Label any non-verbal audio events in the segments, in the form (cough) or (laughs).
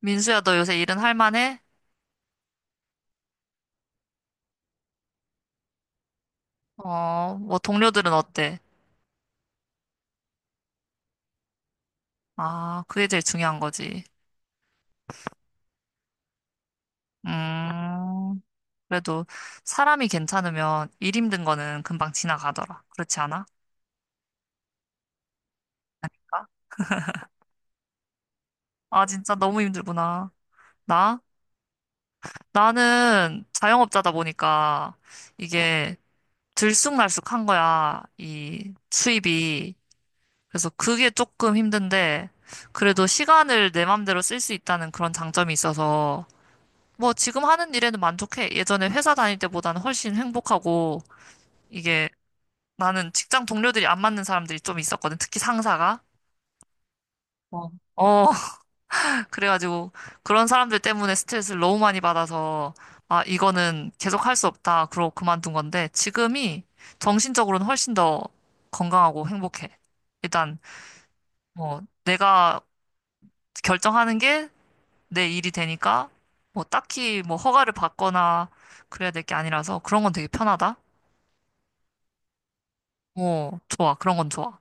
민수야, 너 요새 일은 할 만해? 어, 뭐 동료들은 어때? 아, 그게 제일 중요한 거지. 음, 그래도 사람이 괜찮으면 일 힘든 거는 금방 지나가더라. 그렇지 않아? 아, 진짜 너무 힘들구나. 나? 나는 자영업자다 보니까 이게 들쑥날쑥한 거야, 이 수입이. 그래서 그게 조금 힘든데, 그래도 시간을 내 맘대로 쓸 수 있다는 그런 장점이 있어서 뭐 지금 하는 일에는 만족해. 예전에 회사 다닐 때보다는 훨씬 행복하고 이게 나는 직장 동료들이 안 맞는 사람들이 좀 있었거든. 특히 상사가. 어. 어, (laughs) 그래가지고 그런 사람들 때문에 스트레스를 너무 많이 받아서 아, 이거는 계속 할 수 없다. 그러고 그만둔 건데 지금이 정신적으로는 훨씬 더 건강하고 행복해. 일단 뭐 내가 결정하는 게 내 일이 되니까 뭐 딱히 뭐 허가를 받거나 그래야 될 게 아니라서 그런 건 되게 편하다. 어, 좋아. 그런 건 좋아.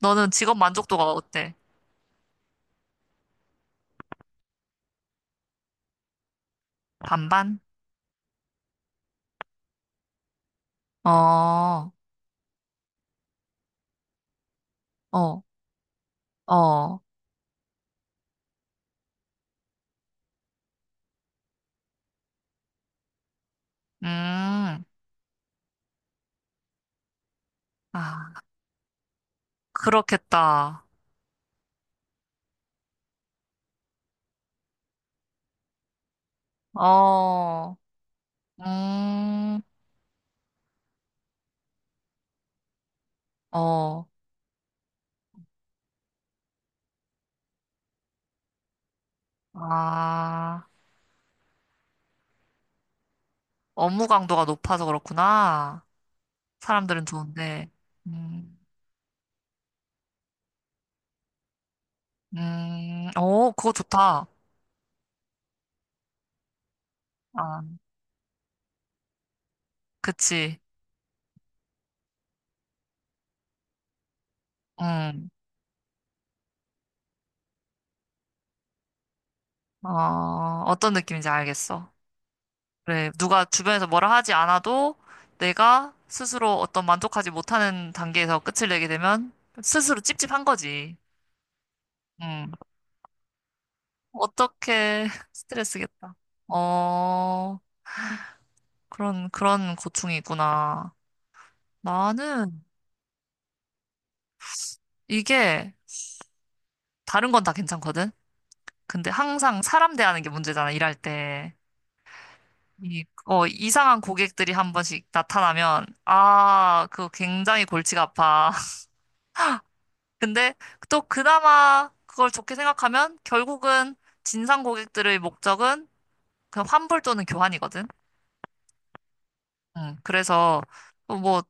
너는 직업 만족도가 어때? 반반? 어, 어, 어. 음, 아, 그렇겠다. 어, 음, 어, 아, 업무 강도가 높아서 그렇구나. 사람들은 좋은데. 음, 오, 그거 좋다. 아, 그치. 음, 어, 어떤 느낌인지 알겠어. 그래, 누가 주변에서 뭐라 하지 않아도 내가 스스로 어떤 만족하지 못하는 단계에서 끝을 내게 되면 스스로 찝찝한 거지. 음, 어떻게 (laughs) 스트레스겠다. 어, 그런 고충이 있구나. 나는 이게 다른 건 다 괜찮거든? 근데 항상 사람 대하는 게 문제잖아, 일할 때. 이, 어, 이상한 고객들이 한 번씩 나타나면, 아, 그거 굉장히 골치가 아파. 근데 또 그나마 그걸 좋게 생각하면 결국은 진상 고객들의 목적은 그냥 환불 또는 교환이거든. 그래서 또뭐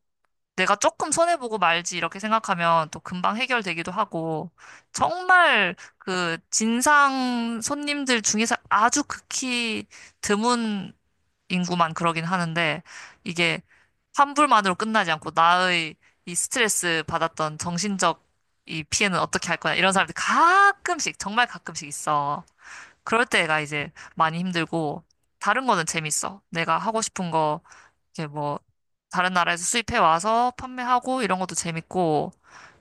내가 조금 손해보고 말지 이렇게 생각하면 또 금방 해결되기도 하고 정말 그 진상 손님들 중에서 아주 극히 드문 인구만 그러긴 하는데 이게 환불만으로 끝나지 않고 나의 이 스트레스 받았던 정신적 이 피해는 어떻게 할 거야 이런 사람들이 가끔씩 정말 가끔씩 있어. 그럴 때가 이제 많이 힘들고 다른 거는 재밌어. 내가 하고 싶은 거 이게 뭐 다른 나라에서 수입해 와서 판매하고 이런 것도 재밌고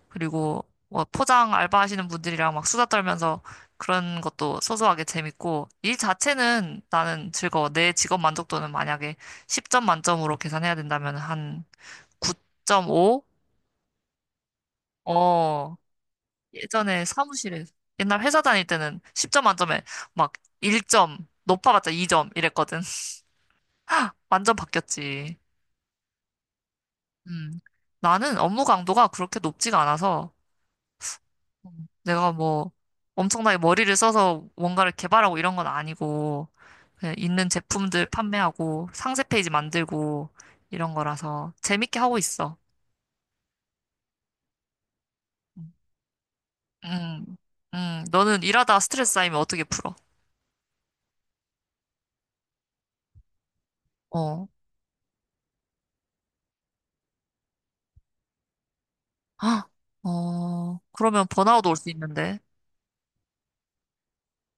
그리고 뭐 포장 알바하시는 분들이랑 막 수다 떨면서 그런 것도 소소하게 재밌고 일 자체는 나는 즐거워. 내 직업 만족도는 만약에 10점 만점으로 계산해야 된다면 한 9.5? 어, 예전에 사무실에 옛날 회사 다닐 때는 10점 만점에 막 1점 높아봤자 2점 이랬거든. (laughs) 완전 바뀌었지. 음. 나는 업무 강도가 그렇게 높지가 않아서 내가 뭐 엄청나게 머리를 써서 뭔가를 개발하고 이런 건 아니고 그냥 있는 제품들 판매하고 상세 페이지 만들고 이런 거라서 재밌게 하고 있어. 음, 음, 너는 일하다 스트레스 쌓이면 어떻게 풀어? 어, (gasps) 헉, 어, 그러면 번아웃 올 수 있는데,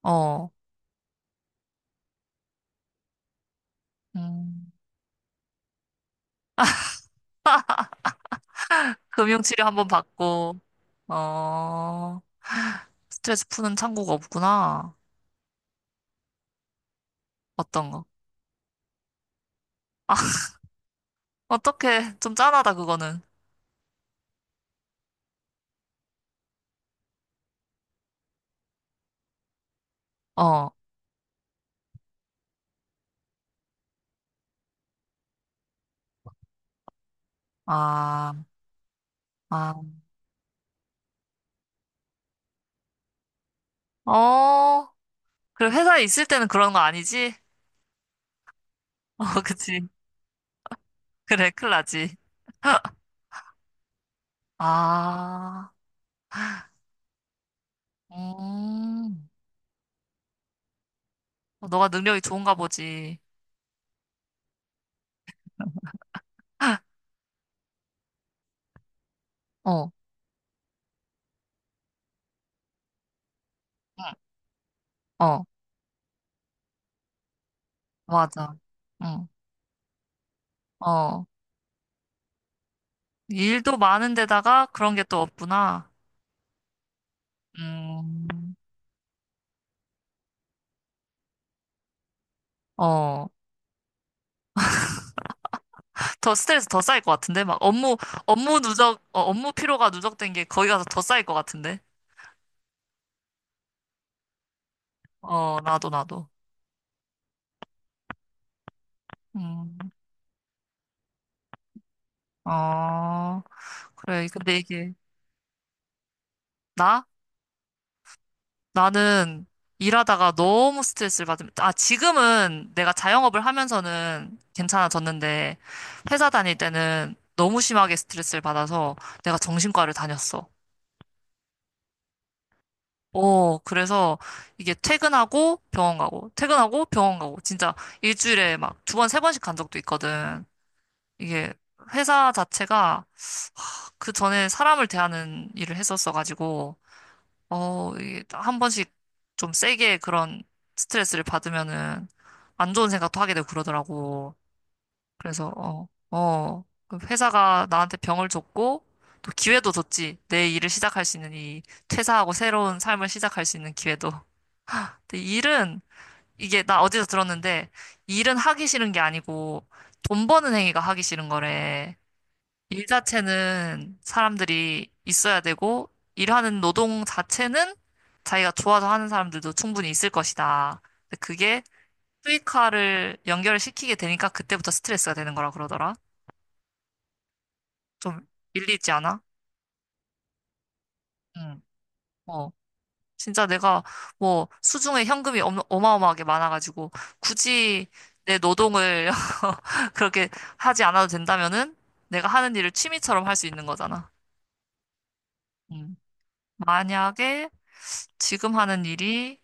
어, 음, 금융치료 한번 받고, 어, 스트레스 푸는 창구가 없구나. 어떤 거? (laughs) 어떻게 좀 짠하다 그거는. 어, 아. 아, 어, 그래, 회사에 있을 때는 그런 거 아니지? (laughs) 어, 그치. 그래, 큰일 나지. 아, 음, 어, 너가 능력이 좋은가 보지. 어, 응, 어, 맞아. 응, 어, 일도 많은데다가 그런 게 또 없구나. 음, 어, 더 스트레스 더 쌓일 것 같은데? 막 업무, 업무 누적, 어, 업무 피로가 누적된 게 거기 가서 더 쌓일 것 같은데? 어, 나도, 나도. 음, 어, 그래, 근데 이게, 나? 나는 일하다가 너무 스트레스를 받으면, 아, 지금은 내가 자영업을 하면서는 괜찮아졌는데, 회사 다닐 때는 너무 심하게 스트레스를 받아서 내가 정신과를 다녔어. 오, 그래서 이게 퇴근하고 병원 가고, 퇴근하고 병원 가고, 진짜 일주일에 막 2번, 3번씩 간 적도 있거든. 이게 회사 자체가 그 전에 사람을 대하는 일을 했었어가지고, 어, 이게 한 번씩 좀 세게 그런 스트레스를 받으면은 안 좋은 생각도 하게 되고 그러더라고. 그래서, 어, 어, 그 회사가 나한테 병을 줬고, 또 기회도 줬지. 내 일을 시작할 수 있는 이 퇴사하고 새로운 삶을 시작할 수 있는 기회도. 근데 일은, 이게 나 어디서 들었는데, 일은 하기 싫은 게 아니고, 돈 버는 행위가 하기 싫은 거래. 일 자체는 사람들이 있어야 되고, 일하는 노동 자체는 자기가 좋아서 하는 사람들도 충분히 있을 것이다. 근데 그게 수익화를 연결 시키게 되니까 그때부터 스트레스가 되는 거라 그러더라. 좀 일리 있지 않아? 응. 어. 진짜 내가 뭐 수중에 현금이 어마어마하게 많아가지고 굳이 내 노동을 (laughs) 그렇게 하지 않아도 된다면은 내가 하는 일을 취미처럼 할 수 있는 거잖아. 음. 만약에 지금 하는 일이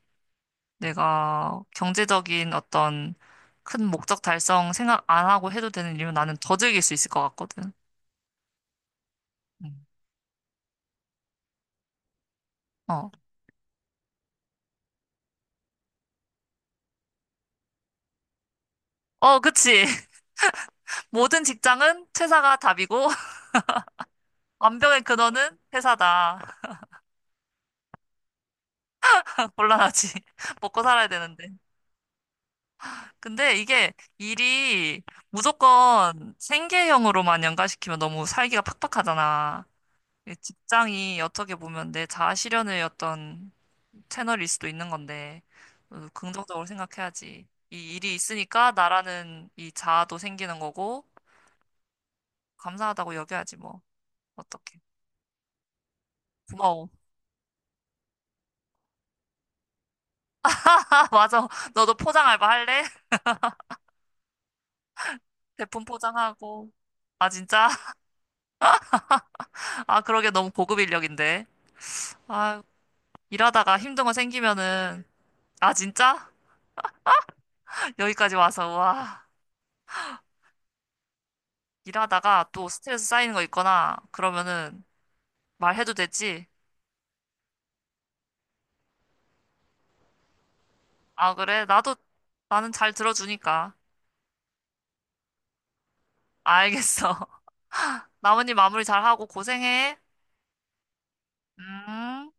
내가 경제적인 어떤 큰 목적 달성 생각 안 하고 해도 되는 일이면 나는 더 즐길 수 있을 것 같거든. 음. 어. 어, 그치. (laughs) 모든 직장은 퇴사가 답이고, (laughs) 완벽의 근원은 회사다. (laughs) 곤란하지. (laughs) 먹고 살아야 되는데. 근데 이게 일이 무조건 생계형으로만 연관시키면 너무 살기가 팍팍하잖아. 이 직장이 어떻게 보면 내 자아실현의 어떤 채널일 수도 있는 건데, 어, 긍정적으로 생각해야지. 이 일이 있으니까 나라는 이 자아도 생기는 거고, 감사하다고 여겨야지, 뭐. 어떡해. 고마워. (laughs) 맞아. 너도 포장 알바 할래? (laughs) 제품 포장하고. 아, 진짜? (laughs) 아, 그러게 너무 고급 인력인데. 아, 일하다가 힘든 거 생기면은, 아, 진짜? (laughs) 여기까지 와서, 와. 일하다가 또 스트레스 쌓이는 거 있거나, 그러면은, 말해도 되지? 아, 그래? 나도, 나는 잘 들어주니까. 알겠어. 나머지 마무리 잘하고 고생해. 음.